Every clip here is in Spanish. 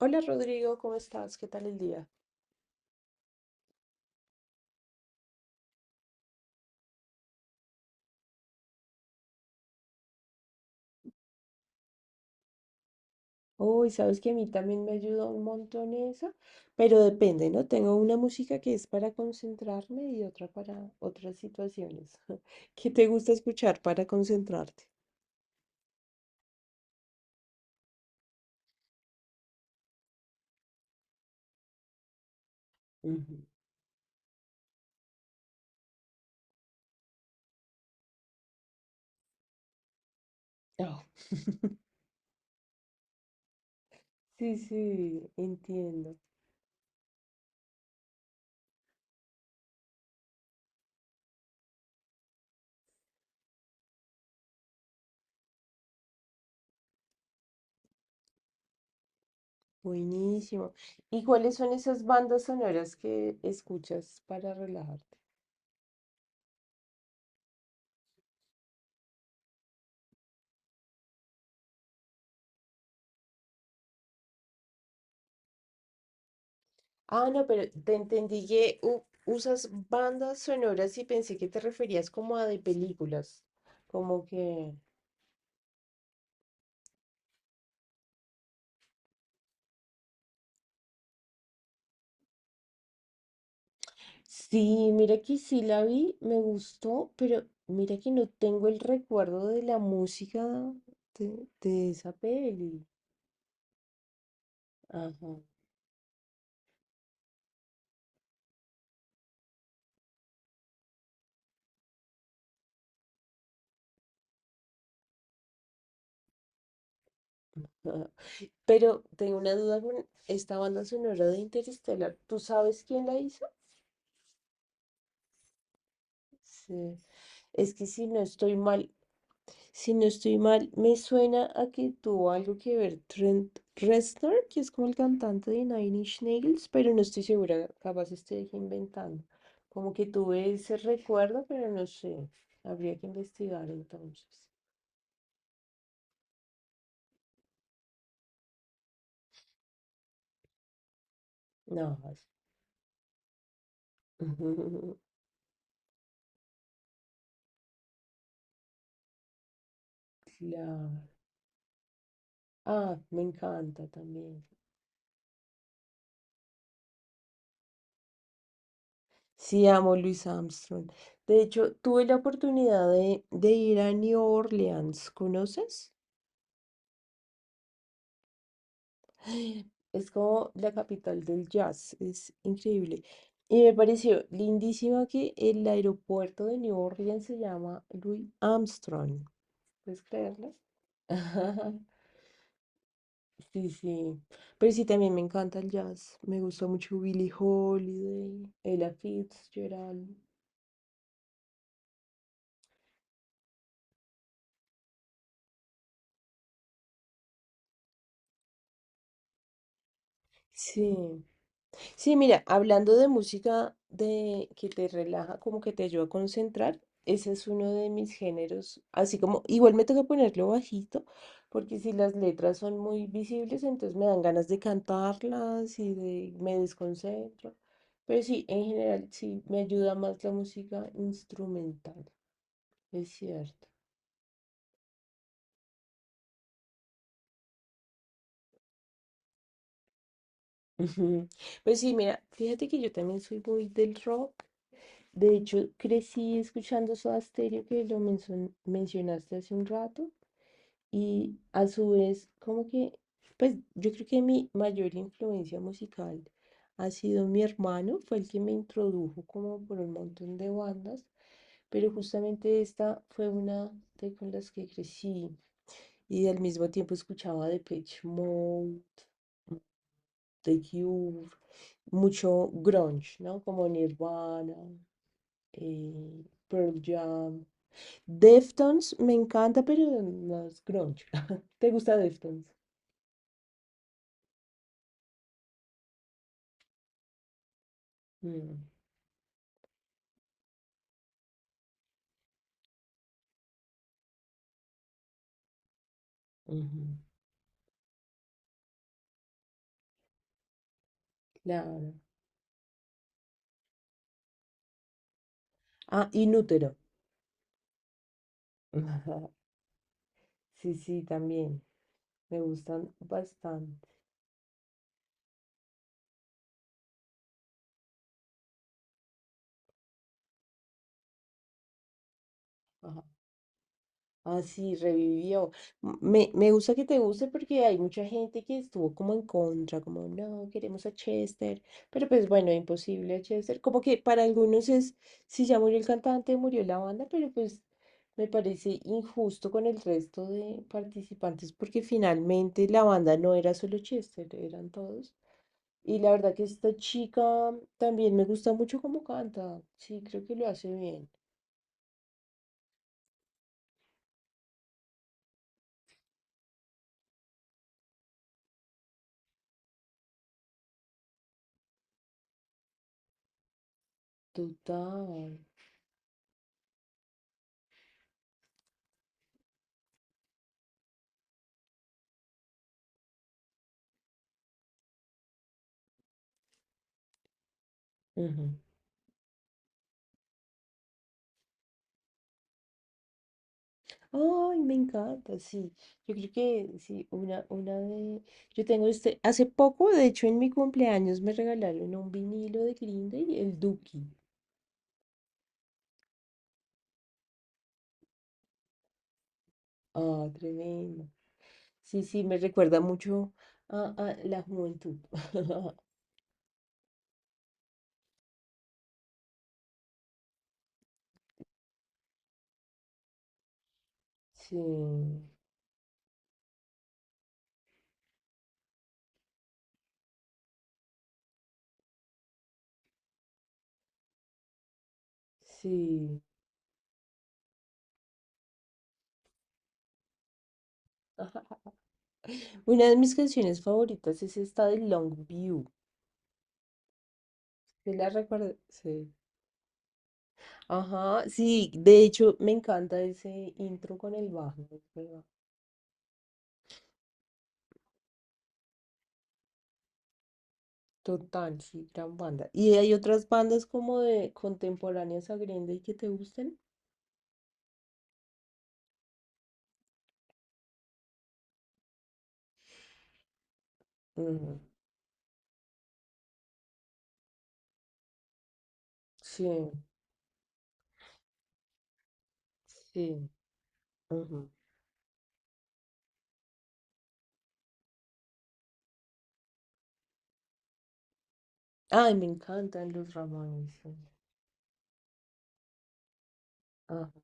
Hola Rodrigo, ¿cómo estás? ¿Qué tal el día? Uy, sabes que a mí también me ayuda un montón eso, pero depende, ¿no? Tengo una música que es para concentrarme y otra para otras situaciones. ¿Qué te gusta escuchar para concentrarte? Ujú. Oh. Sí, sí, entiendo. Buenísimo. ¿Y cuáles son esas bandas sonoras que escuchas para relajarte? Ah, no, pero te entendí que usas bandas sonoras y pensé que te referías como a de películas. Como que... Sí, mira que sí la vi, me gustó, pero mira que no tengo el recuerdo de la música de esa peli. Ajá. Pero tengo una duda con esta banda sonora de Interestelar. ¿Tú sabes quién la hizo? Sí. Es que si no estoy mal, si no estoy mal, me suena a que tuvo algo que ver Trent Reznor, que es como el cantante de Nine Inch Nails, pero no estoy segura, capaz estoy inventando. Como que tuve ese recuerdo, pero no sé. Habría que investigar entonces. No. es- Claro. Ah, me encanta también. Sí, amo Louis Armstrong. De hecho, tuve la oportunidad de ir a New Orleans, ¿conoces? Es como la capital del jazz, es increíble. Y me pareció lindísimo que el aeropuerto de New Orleans se llama Louis Armstrong. ¿Puedes creerlo? Sí, sí. Pero sí, también me encanta el jazz. Me gusta mucho Billie Holiday, Ella Fitzgerald. Sí. Sí, mira, hablando de música de que te relaja, como que te ayuda a concentrar, ese es uno de mis géneros, así como igual me toca ponerlo bajito, porque si las letras son muy visibles, entonces me dan ganas de cantarlas y de me desconcentro. Pero sí, en general sí me ayuda más la música instrumental, es cierto. Ujú. Pues sí, mira, fíjate que yo también soy muy del rock. De hecho, crecí escuchando Soda Stereo, que lo mencionaste hace un rato, y a su vez, como que, pues yo creo que mi mayor influencia musical ha sido mi hermano, fue el que me introdujo como por un montón de bandas, pero justamente esta fue una de con las que crecí y al mismo tiempo escuchaba Depeche Mode, The Cure, mucho grunge, ¿no? Como Nirvana, Pearl Jam. Deftones me encanta, pero no es grunge. ¿Te gusta Deftones? Mm, ujú, claro. Ah, Inútero. Ajá. Sí, sí, también. Me gustan bastante. Así revivió. Me gusta que te guste porque hay mucha gente que estuvo como en contra, como no, queremos a Chester, pero pues bueno, imposible a Chester. Como que para algunos es, si ya murió el cantante, murió la banda, pero pues me parece injusto con el resto de participantes porque finalmente la banda no era solo Chester, eran todos. Y la verdad que esta chica también me gusta mucho cómo canta. Sí, creo que lo hace bien. Total. Ay, me encanta, sí. Yo creo que sí, una de. Yo tengo este. Hace poco, de hecho, en mi cumpleaños me regalaron un vinilo de Green Day, el Duki. Ah, tremendo. Sí, sí, me recuerda mucho a la juventud. Sí, sí. Una de mis canciones favoritas es esta de Longview. ¿Se la recuerda? Sí. Ajá, sí, de hecho, me encanta ese intro con el bajo. ¿Verdad? Total, sí, gran banda. ¿Y hay otras bandas como de contemporáneas a Green Day que te gusten? Ujú. Sí, sí. Ujú. Ay, me encantan los Ramones. Sí. Ajá.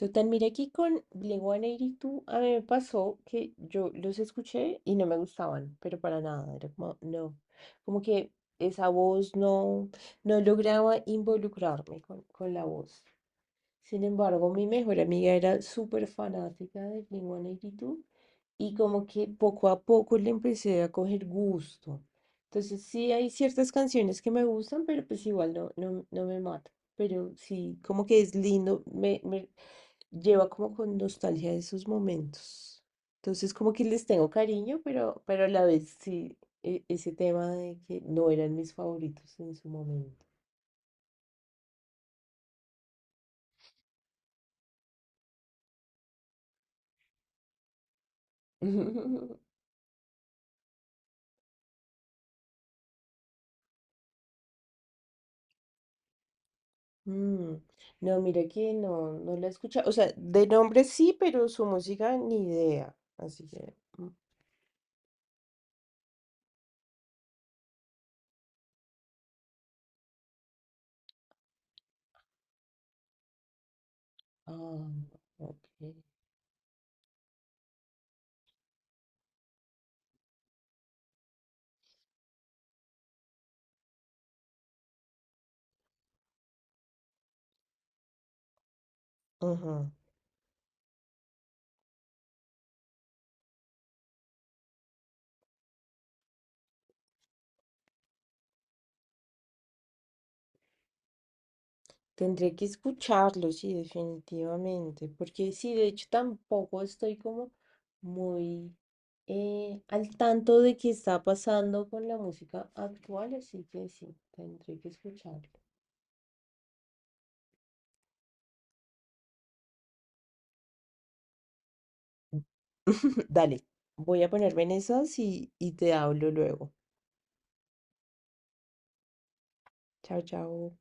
Total, mira que con Blink 182 a mí me pasó que yo los escuché y no me gustaban, pero para nada, era como, no, como que esa voz no, no lograba involucrarme con la voz. Sin embargo, mi mejor amiga era súper fanática de Blink-182 y dos y como que poco a poco le empecé a coger gusto. Entonces sí hay ciertas canciones que me gustan, pero pues igual no, no, no me mata. Pero sí, como que es lindo, me lleva como con nostalgia de esos momentos. Entonces como que les tengo cariño, pero a la vez sí, ese tema de que no eran mis favoritos en su momento. Mm. No, mira que no, no la escucha. O sea, de nombre sí, pero su música ni idea. Así que. Ah, ok. Ajá. Tendré que escucharlo, sí, definitivamente. Porque sí, de hecho, tampoco estoy como muy al tanto de qué está pasando con la música actual, así que sí, tendré que escucharlo. Dale, voy a ponerme en esas y te hablo luego. Chao, chao.